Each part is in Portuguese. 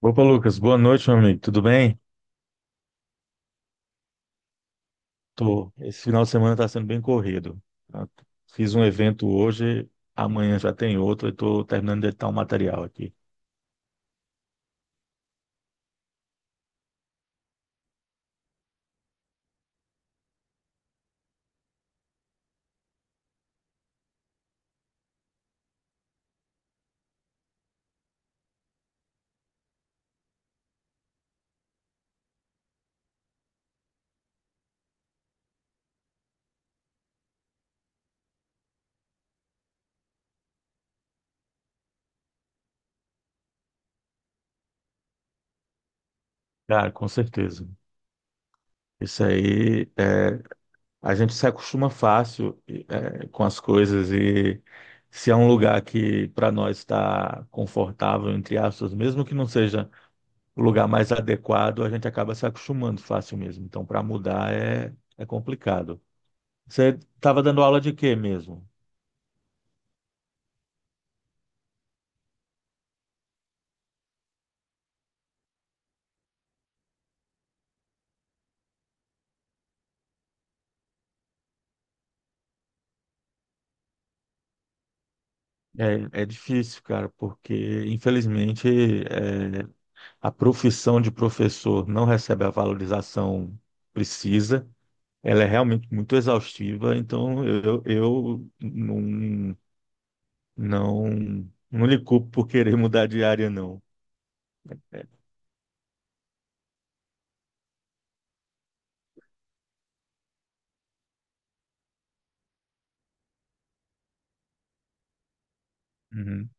Opa, Lucas, boa noite, meu amigo. Tudo bem? Tô. Esse final de semana está sendo bem corrido. Tá? Fiz um evento hoje, amanhã já tem outro, e tô terminando de editar um material aqui. Cara, com certeza. Isso aí, a gente se acostuma fácil com as coisas e se é um lugar que para nós está confortável, entre aspas, mesmo que não seja o lugar mais adequado, a gente acaba se acostumando fácil mesmo. Então, para mudar é complicado. Você estava dando aula de quê mesmo? É difícil, cara, porque infelizmente a profissão de professor não recebe a valorização precisa. Ela é realmente muito exaustiva, então eu não, não, não lhe culpo por querer mudar de área, não. É. Uhum.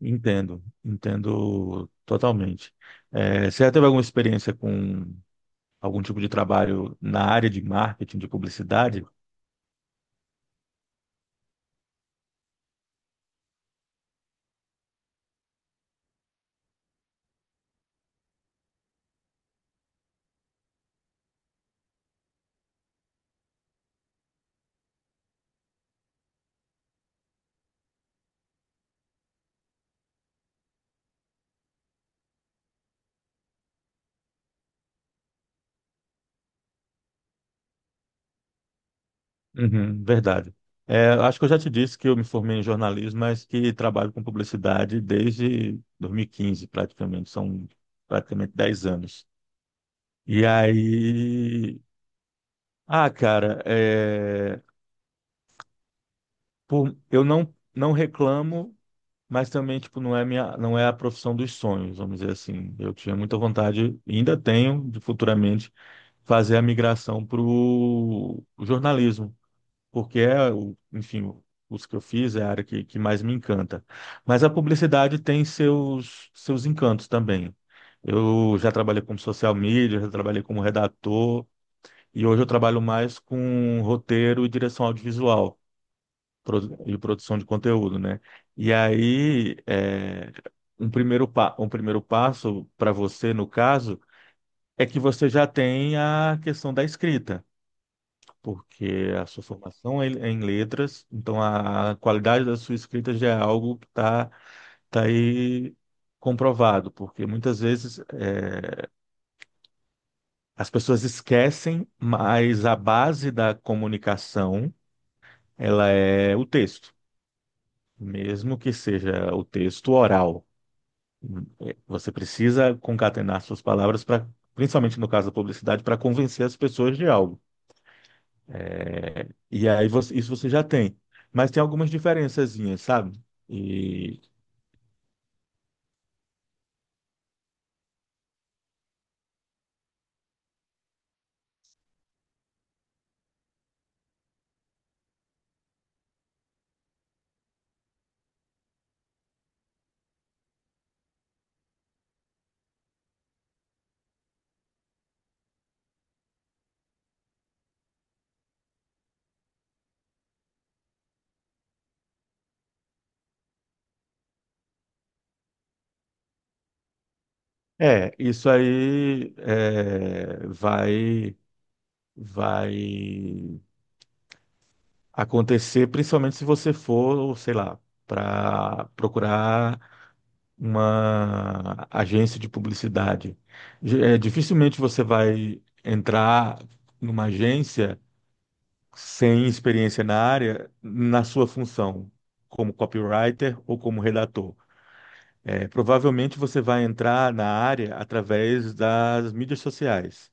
Entendo, entendo totalmente. É, você já teve alguma experiência com algum tipo de trabalho na área de marketing, de publicidade? Uhum, verdade. É, acho que eu já te disse que eu me formei em jornalismo, mas que trabalho com publicidade desde 2015, praticamente. São praticamente 10 anos. E aí. Ah, cara, eu não, não reclamo, mas também tipo, não é minha, não é a profissão dos sonhos, vamos dizer assim. Eu tinha muita vontade, e ainda tenho, de futuramente, fazer a migração para o jornalismo. Porque enfim, os que eu fiz é a área que mais me encanta. Mas a publicidade tem seus, seus encantos também. Eu já trabalhei como social media, já trabalhei como redator, e hoje eu trabalho mais com roteiro e direção audiovisual e produção de conteúdo, né? E aí, um primeiro, um primeiro passo para você, no caso, é que você já tem a questão da escrita porque a sua formação é em letras, então a qualidade da sua escrita já é algo que está tá aí comprovado, porque muitas vezes as pessoas esquecem, mas a base da comunicação, ela é o texto, mesmo que seja o texto oral. Você precisa concatenar suas palavras para, principalmente no caso da publicidade, para convencer as pessoas de algo. E aí isso você já tem. Mas tem algumas diferençazinhas, sabe? E é, isso aí é, vai acontecer, principalmente se você for, sei lá, para procurar uma agência de publicidade. É, dificilmente você vai entrar numa agência sem experiência na área, na sua função, como copywriter ou como redator. É, provavelmente você vai entrar na área através das mídias sociais.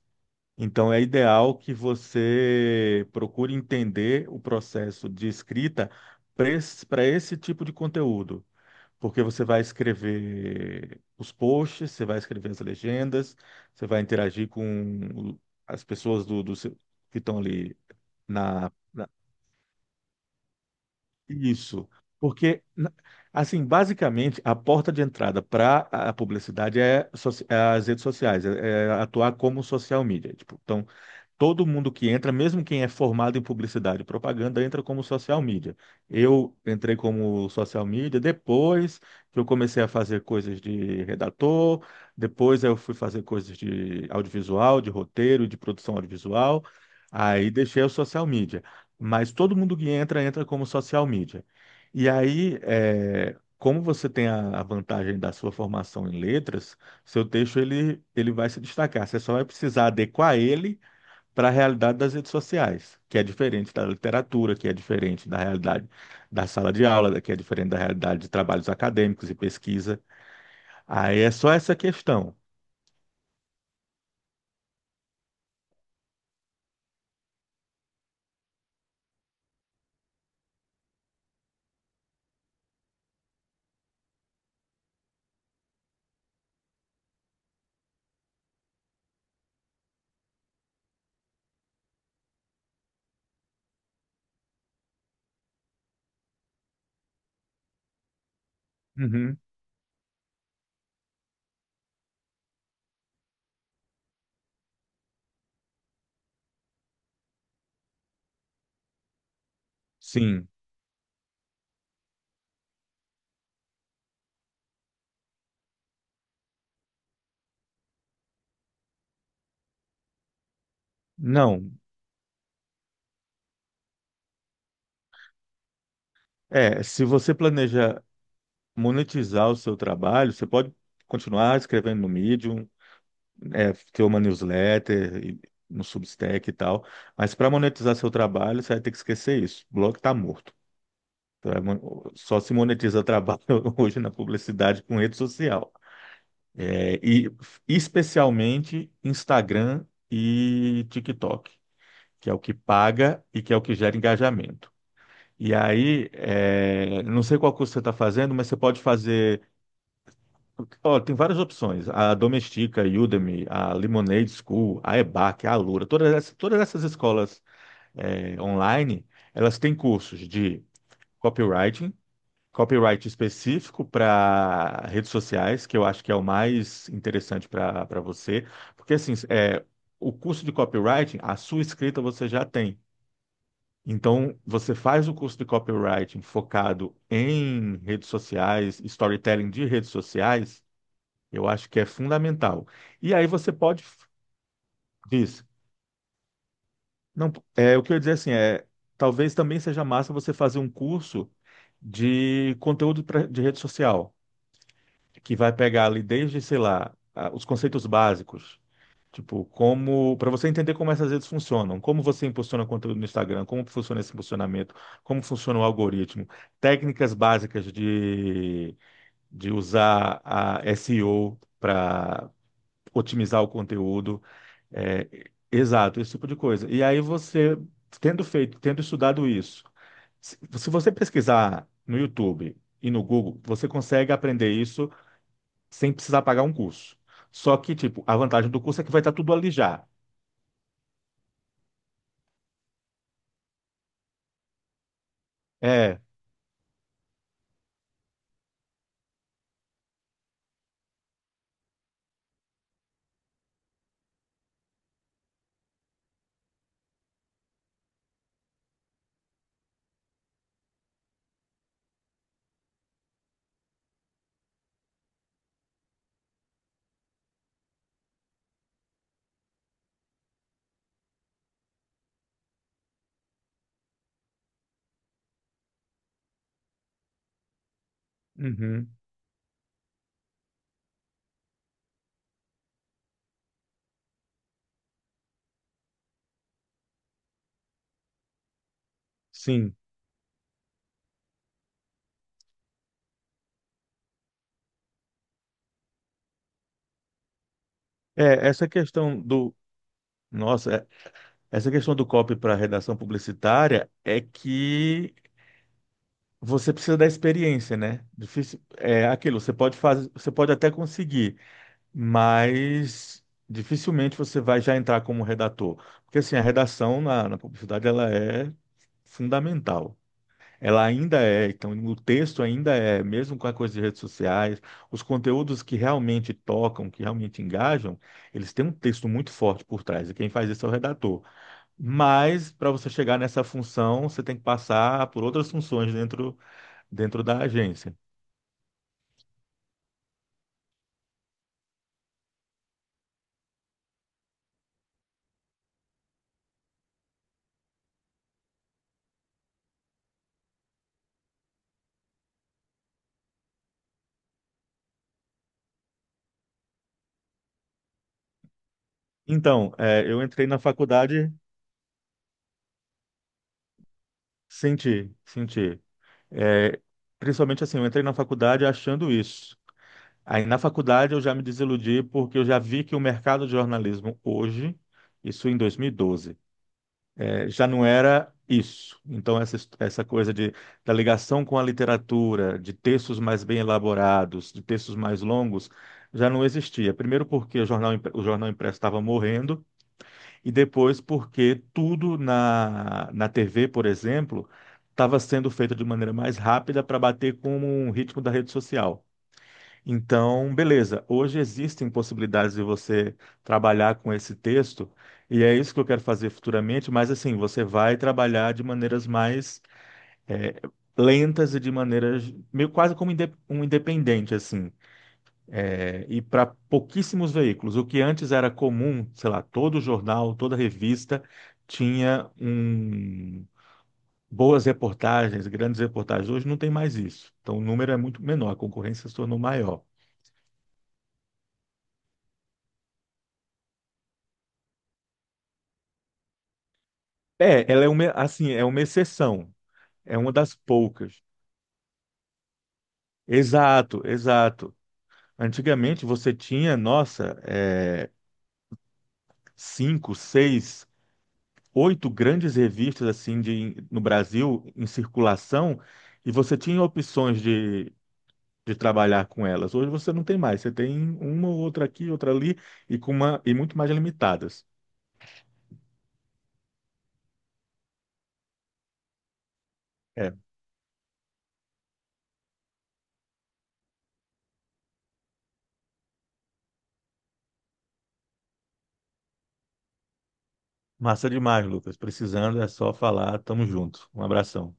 Então, é ideal que você procure entender o processo de escrita para esse tipo de conteúdo, porque você vai escrever os posts, você vai escrever as legendas, você vai interagir com o- as pessoas do que estão ali na, na- isso. Porque, assim, basicamente, a porta de entrada para a publicidade é as redes sociais, é atuar como social media. Tipo, então, todo mundo que entra, mesmo quem é formado em publicidade e propaganda, entra como social media. Eu entrei como social media depois que eu comecei a fazer coisas de redator, depois eu fui fazer coisas de audiovisual, de roteiro, de produção audiovisual, aí deixei o social media. Mas todo mundo que entra, entra como social media. E aí, é, como você tem a vantagem da sua formação em letras, seu texto ele vai se destacar. Você só vai precisar adequar ele para a realidade das redes sociais, que é diferente da literatura, que é diferente da realidade da sala de aula, que é diferente da realidade de trabalhos acadêmicos e pesquisa. Aí é só essa questão. Uhum. Sim. Não. É, se você planeja monetizar o seu trabalho, você pode continuar escrevendo no Medium, ter uma newsletter, no Substack e tal, mas para monetizar seu trabalho, você vai ter que esquecer isso. O blog está morto. Tu vai mon- Só se monetiza trabalho hoje na publicidade com rede social. É, e especialmente Instagram e TikTok, que é o que paga e que é o que gera engajamento. E aí, é, não sei qual curso você está fazendo, mas você pode fazer. Ó, tem várias opções: a Domestika, a Udemy, a Lemonade School, a EBAC, a Alura, todas essas escolas online, elas têm cursos de copywriting. Copyright específico para redes sociais, que eu acho que é o mais interessante para você, porque assim, é, o curso de copywriting, a sua escrita você já tem. Então, você faz o curso de copywriting focado em redes sociais, storytelling de redes sociais, eu acho que é fundamental. E aí você pode, diz, não, é, o que eu ia dizer assim, é, talvez também seja massa você fazer um curso de conteúdo de rede social, que vai pegar ali desde, sei lá, os conceitos básicos, tipo, como, para você entender como essas redes funcionam, como você impulsiona conteúdo no Instagram, como funciona esse impulsionamento, como funciona o algoritmo, técnicas básicas de usar a SEO para otimizar o conteúdo, é, exato, esse tipo de coisa. E aí você, tendo feito, tendo estudado isso, se você pesquisar no YouTube, e no Google, você consegue aprender isso sem precisar pagar um curso. Só que, tipo, a vantagem do curso é que vai estar tudo ali já. É. Uhum. Sim. É, essa questão do. Nossa, essa questão do copy para redação publicitária é que você precisa da experiência, né? Difícil, é aquilo, você pode fazer, você pode até conseguir, mas dificilmente você vai já entrar como redator. Porque assim, a redação na publicidade ela é fundamental. Ela ainda é, então o texto ainda é, mesmo com a coisa de redes sociais, os conteúdos que realmente tocam, que realmente engajam, eles têm um texto muito forte por trás, e quem faz isso é o redator. Mas para você chegar nessa função, você tem que passar por outras funções dentro, dentro da agência. Então, é, eu entrei na faculdade, senti, senti. É, principalmente assim, eu entrei na faculdade achando isso. Aí na faculdade eu já me desiludi porque eu já vi que o mercado de jornalismo hoje, isso em 2012, já não era isso. Então essa, essa coisa de, da ligação com a literatura, de textos mais bem elaborados, de textos mais longos, já não existia. Primeiro porque o jornal, o jornal impresso estava morrendo e depois porque tudo na TV, por exemplo, estava sendo feito de maneira mais rápida para bater com o ritmo da rede social. Então, beleza. Hoje existem possibilidades de você trabalhar com esse texto, e é isso que eu quero fazer futuramente, mas assim, você vai trabalhar de maneiras mais eh, lentas e de maneiras meio quase como um independente, assim. E para pouquíssimos veículos. O que antes era comum, sei lá, todo jornal, toda revista tinha um. Boas reportagens, grandes reportagens. Hoje não tem mais isso. Então, o número é muito menor, a concorrência se tornou maior. É, ela é uma, assim, é uma exceção, é uma das poucas. Exato, exato. Antigamente você tinha, nossa, é, cinco, seis, oito grandes revistas assim de, no Brasil em circulação e você tinha opções de trabalhar com elas. Hoje você não tem mais, você tem uma ou outra aqui, outra ali e com uma e muito mais limitadas. É, massa demais, Lucas. Precisando é só falar, tamo junto. Um abração.